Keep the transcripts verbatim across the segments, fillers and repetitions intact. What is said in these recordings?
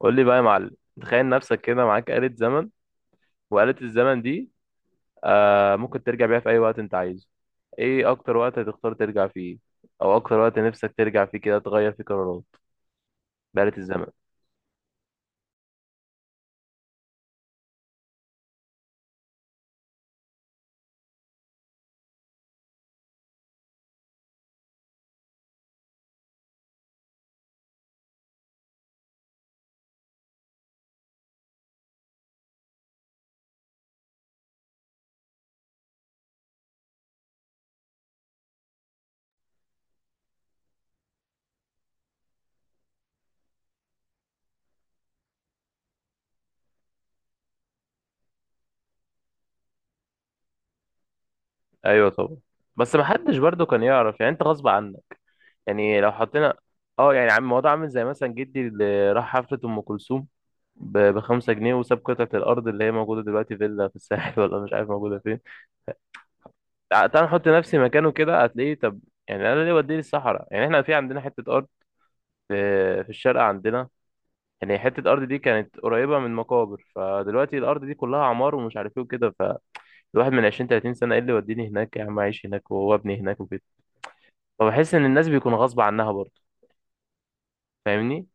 قول لي بقى يا معلم. تخيل نفسك كده معاك آلة زمن، وآلة الزمن دي آه ممكن ترجع بيها في أي وقت أنت عايزه. إيه أكتر وقت هتختار ترجع فيه، أو أكتر وقت نفسك ترجع فيه كده تغير فيه قرارات بآلة الزمن؟ أيوه طبعا، بس محدش برضه كان يعرف، يعني أنت غصب عنك. يعني لو حطينا أه يعني عم الموضوع عامل زي مثلا جدي اللي راح حفلة أم كلثوم ب- بخمسة جنيه وساب قطعة الأرض اللي هي موجودة دلوقتي فيلا في الساحل ولا مش عارف موجودة فين. تع- تعال نحط نفسي مكانه، كده هتلاقيه. طب يعني انا ليه وديني الصحراء؟ يعني احنا في عندنا حتة ارض في في الشارقة عندنا. يعني حتة الارض دي كانت قريبة من مقابر، فدلوقتي الارض دي كلها عمار ومش عارف ايه وكده. فالواحد من عشرين ثلاثين سنة، ايه اللي وديني هناك يا عم؟ عايش هناك وابني هناك وكده. فبحس ان الناس بيكون غصب عنها برضه، فاهمني.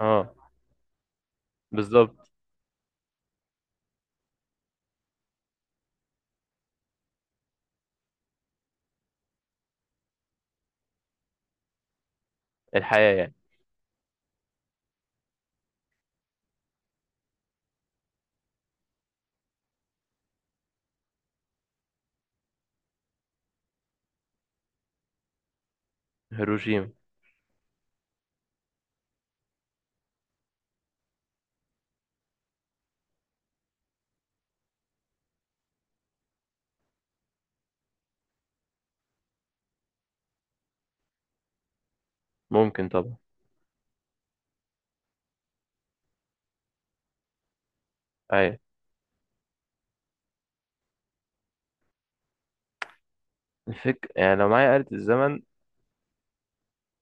اه بالظبط. الحياة يعني. هيروشيما. ممكن طبعا. ايوه. الفكرة يعني لو معايا آلة الزمن،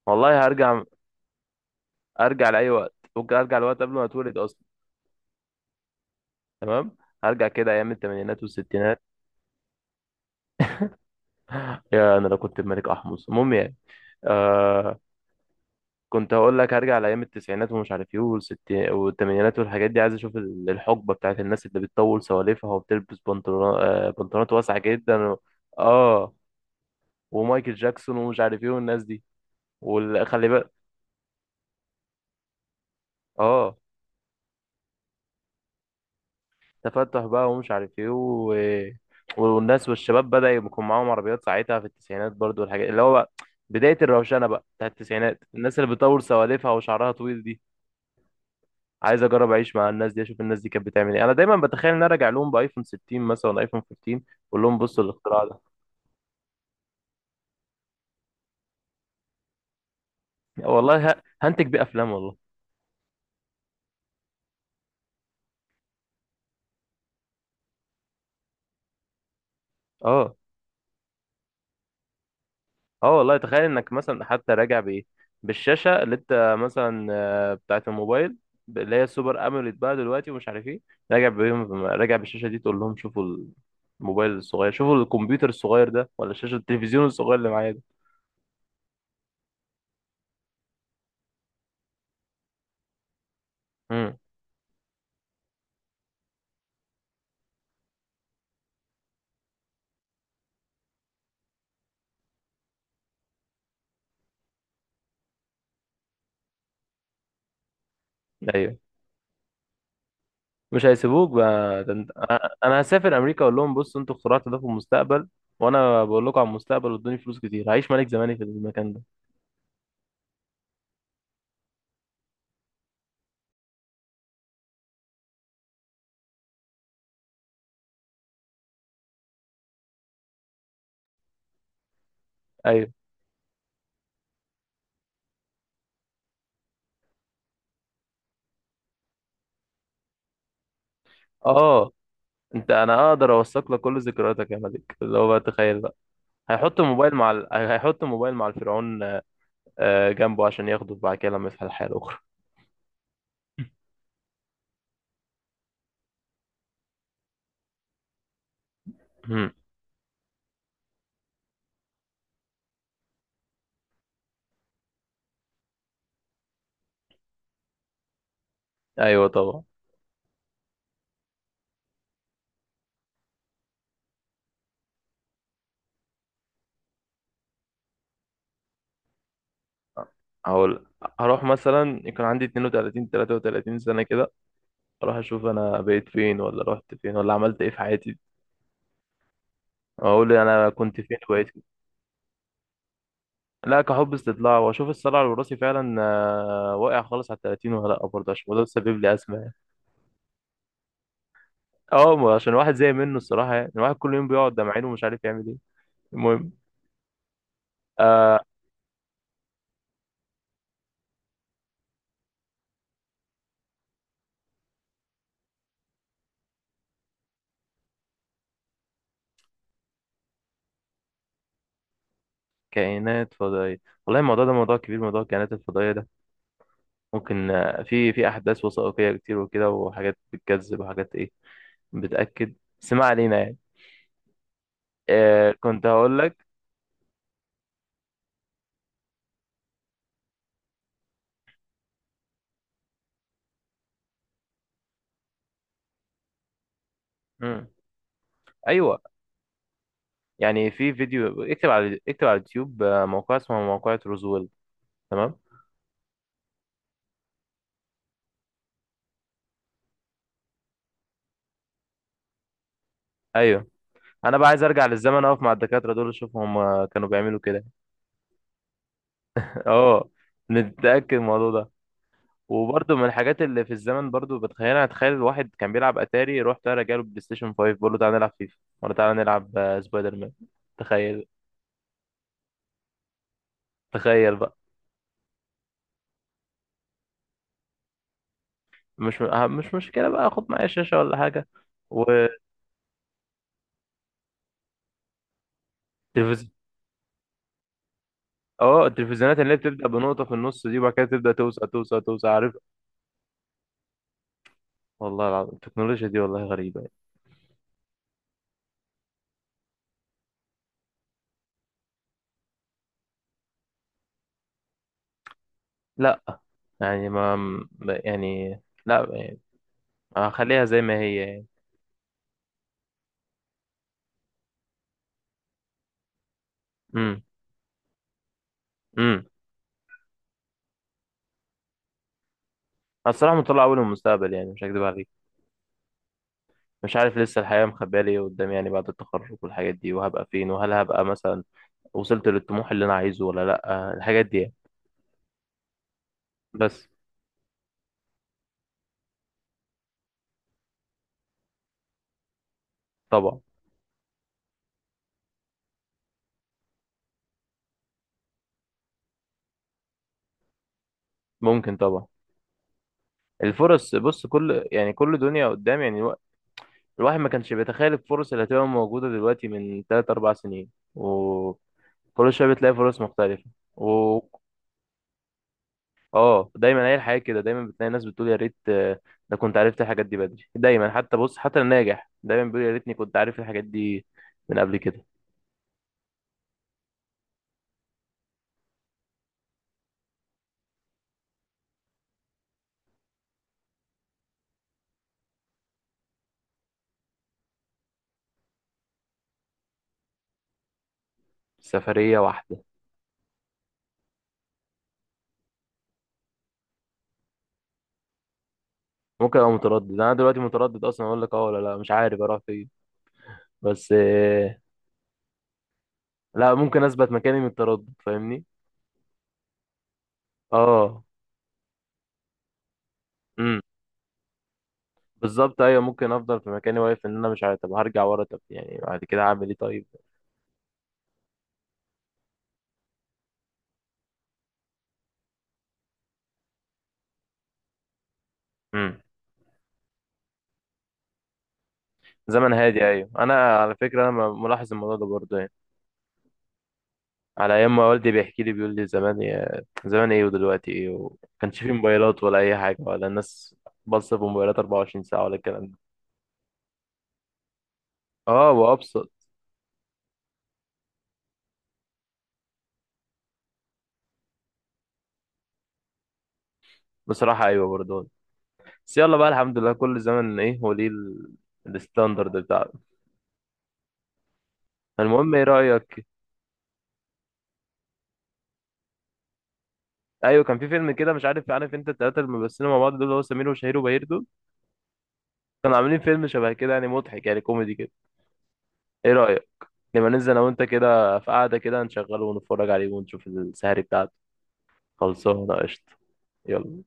والله هرجع. ارجع لأي وقت، ممكن ارجع لوقت قبل ما اتولد اصلا. تمام. هرجع كده ايام الثمانينات والستينات. يا انا لو كنت الملك احمص، المهم يعني. آه كنت هقول لك هرجع لايام التسعينات ومش عارف ايه، والستي- والثمانينات والحاجات دي. عايز اشوف ال- الحقبه بتاعت الناس اللي بتطول سواليفها وبتلبس بنطلون، آه بنطلونات واسعه جدا و... اه ومايكل جاكسون ومش عارف ايه والناس دي. وخلي بالك. اه تفتح بقى ومش عارف ايه و... والناس والشباب بدأ يكون معاهم عربيات ساعتها في التسعينات برضو، والحاجات اللي هو بقى بداية الروشنة بقى بتاع التسعينات، الناس اللي بتطول سوالفها وشعرها طويل دي. عايز اجرب اعيش مع الناس دي اشوف الناس دي كانت بتعمل ايه. انا دايما بتخيل ان انا ارجع لهم بايفون ستين مثلا ولا ايفون خمستاشر، اقول لهم بصوا الاختراع ده. والله ه- هنتج بيه افلام والله. اه اه والله تخيل انك مثلا حتى راجع بايه، بالشاشه اللي انت مثلا آه، بتاعه الموبايل، ب- اللي هي السوبر اموليد بقى دلوقتي ومش عارف ايه، راجع بيهم، راجع بالشاشه دي تقول لهم شوفوا الموبايل الصغير، شوفوا الكمبيوتر الصغير ده، ولا شاشه التلفزيون الصغير اللي معايا ده. امم. ايوه مش هيسيبوك بقى. ده انت- انا أنا هسافر امريكا اقول لهم بصوا انتوا اخترعتوا ده في المستقبل، وانا بقول لكم على المستقبل، وادوني فلوس كتير هعيش ملك زماني في المكان ده. ايوه. اه. انت، انا اقدر اوثق لك كل ذكرياتك يا ملك، اللي هو بقى تخيل بقى. هيحط الموبايل مع ال... هيحط الموبايل مع الفرعون آه، جنبه عشان ياخده بعد كده لما يفتح الحياة الأخرى. مم. أيوه طبعا. هقول هروح مثلا يكون عندي اتنين وتلاتين ثلاثة وثلاثين سنة كده، أروح أشوف أنا بقيت فين ولا رحت فين ولا عملت إيه في حياتي. أقول أنا كنت فين وبقيت فين. لا، كحب استطلاع، وأشوف الصلع الوراثي فعلا آه، واقع خالص على التلاتين ولا لأ، برضه عشان ده سبب لي أزمة يعني. أه ما عشان واحد زي منه الصراحة يعني، الواحد كل يوم بيقعد ده معينه ومش عارف يعمل إيه. المهم. آه، كائنات فضائية. والله الموضوع ده موضوع كبير، موضوع الكائنات الفضائية ده ممكن آه، في في أحداث وثائقية كتير وكده، وحاجات بتكذب وحاجات إيه، بتأكد. بس ما علينا يعني. آه كنت هقول لك. مم. أيوه. يعني في فيديو، اكتب على اكتب على اليوتيوب آه، موقع اسمه موقع روزويل. تمام. أيوه. أنا بقى عايز أرجع للزمن أقف مع الدكاترة دول أشوف هم كانوا بيعملوا كده. أه نتأكد من الموضوع ده. وبرضه من الحاجات اللي في الزمن برضه بتخيلها، اتخيل الواحد كان بيلعب اتاري، روح تعالى جاله بلاي ستيشن خمسة، بقول له تعالى نلعب فيفا، ولا تعالى نلعب آه، سبايدر مان. تخيل. تخيل بقى. مش آه، مش مشكله بقى، خد معايا شاشه ولا حاجه. والتلفزيون، اه التلفزيونات اللي هي بتبدا بنقطه في النص دي وبعد كده تبدا توسع توسع توسع، عارف. والله العظيم التكنولوجيا دي والله غريبه يعني. لا يعني ما ما- يعني لا يعني هخليها زي ما هي يعني. امم. امم. الصراحه مطلع اول المستقبل يعني مش هكدب عليك. مش عارف لسه الحياة مخبية لي إيه قدام يعني، بعد التخرج والحاجات دي، وهبقى فين، وهل هبقى مثلا وصلت للطموح اللي انا عايزه ولا لا، الحاجات دي يعني. بس طبعا. ممكن طبعا. الفرص، بص كل يعني كل دنيا قدام يعني، الوا- الواحد ما كانش بيتخيل الفرص اللي هتبقى موجودة دلوقتي من ثلاثة أربعة سنين، وكل شوية بتلاقي فرص مختلفة. و اه دايما هي الحياة كده، دايما بتلاقي ناس بتقول يا ريت آه، ده كنت عرفت الحاجات دي بدري، دايما. حتى بص حتى الناجح دايما بيقول يا ريتني كنت عارف الحاجات دي من قبل كده. سفرية واحدة. ممكن ابقى متردد، انا دلوقتي متردد اصلا اقول لك اه ولا لا، مش عارف اروح فين. بس آه، لا ممكن اثبت مكاني من التردد، فاهمني. اه. امم. بالظبط ايوه، ممكن افضل في مكاني واقف ان انا مش عارف، طب هرجع ورا طب يعني بعد كده هعمل ايه طيب. امم. زمن هادي، ايوه انا على فكره انا ملاحظ الموضوع ده برضه يعني. على ايام ما والدي بيحكي لي بيقول لي زمان يا زمان ايه ودلوقتي ايه، وما كانش في موبايلات ولا اي حاجه ولا الناس. بص في موبايلات اربعة وعشرين ساعه ولا الكلام ده. اه وابسط. بصراحه ايوه برضه. بس يلا بقى الحمد لله، كل زمن ايه هو ليه ال- الستاندرد بتاعه. المهم ايه رأيك. ايوه كان في فيلم كده، مش عارف، عارف انت التلاتة اللي بيمثلوا مع بعض دول، اللي هو سمير وشهير وبهير دول، كانوا عاملين فيلم شبه كده يعني، مضحك يعني كوميدي كده. ايه رأيك لما ننزل انا وانت كده في قعدة كده نشغله ونتفرج عليه ونشوف السهري بتاعته. خلصانة قشطة. يلا.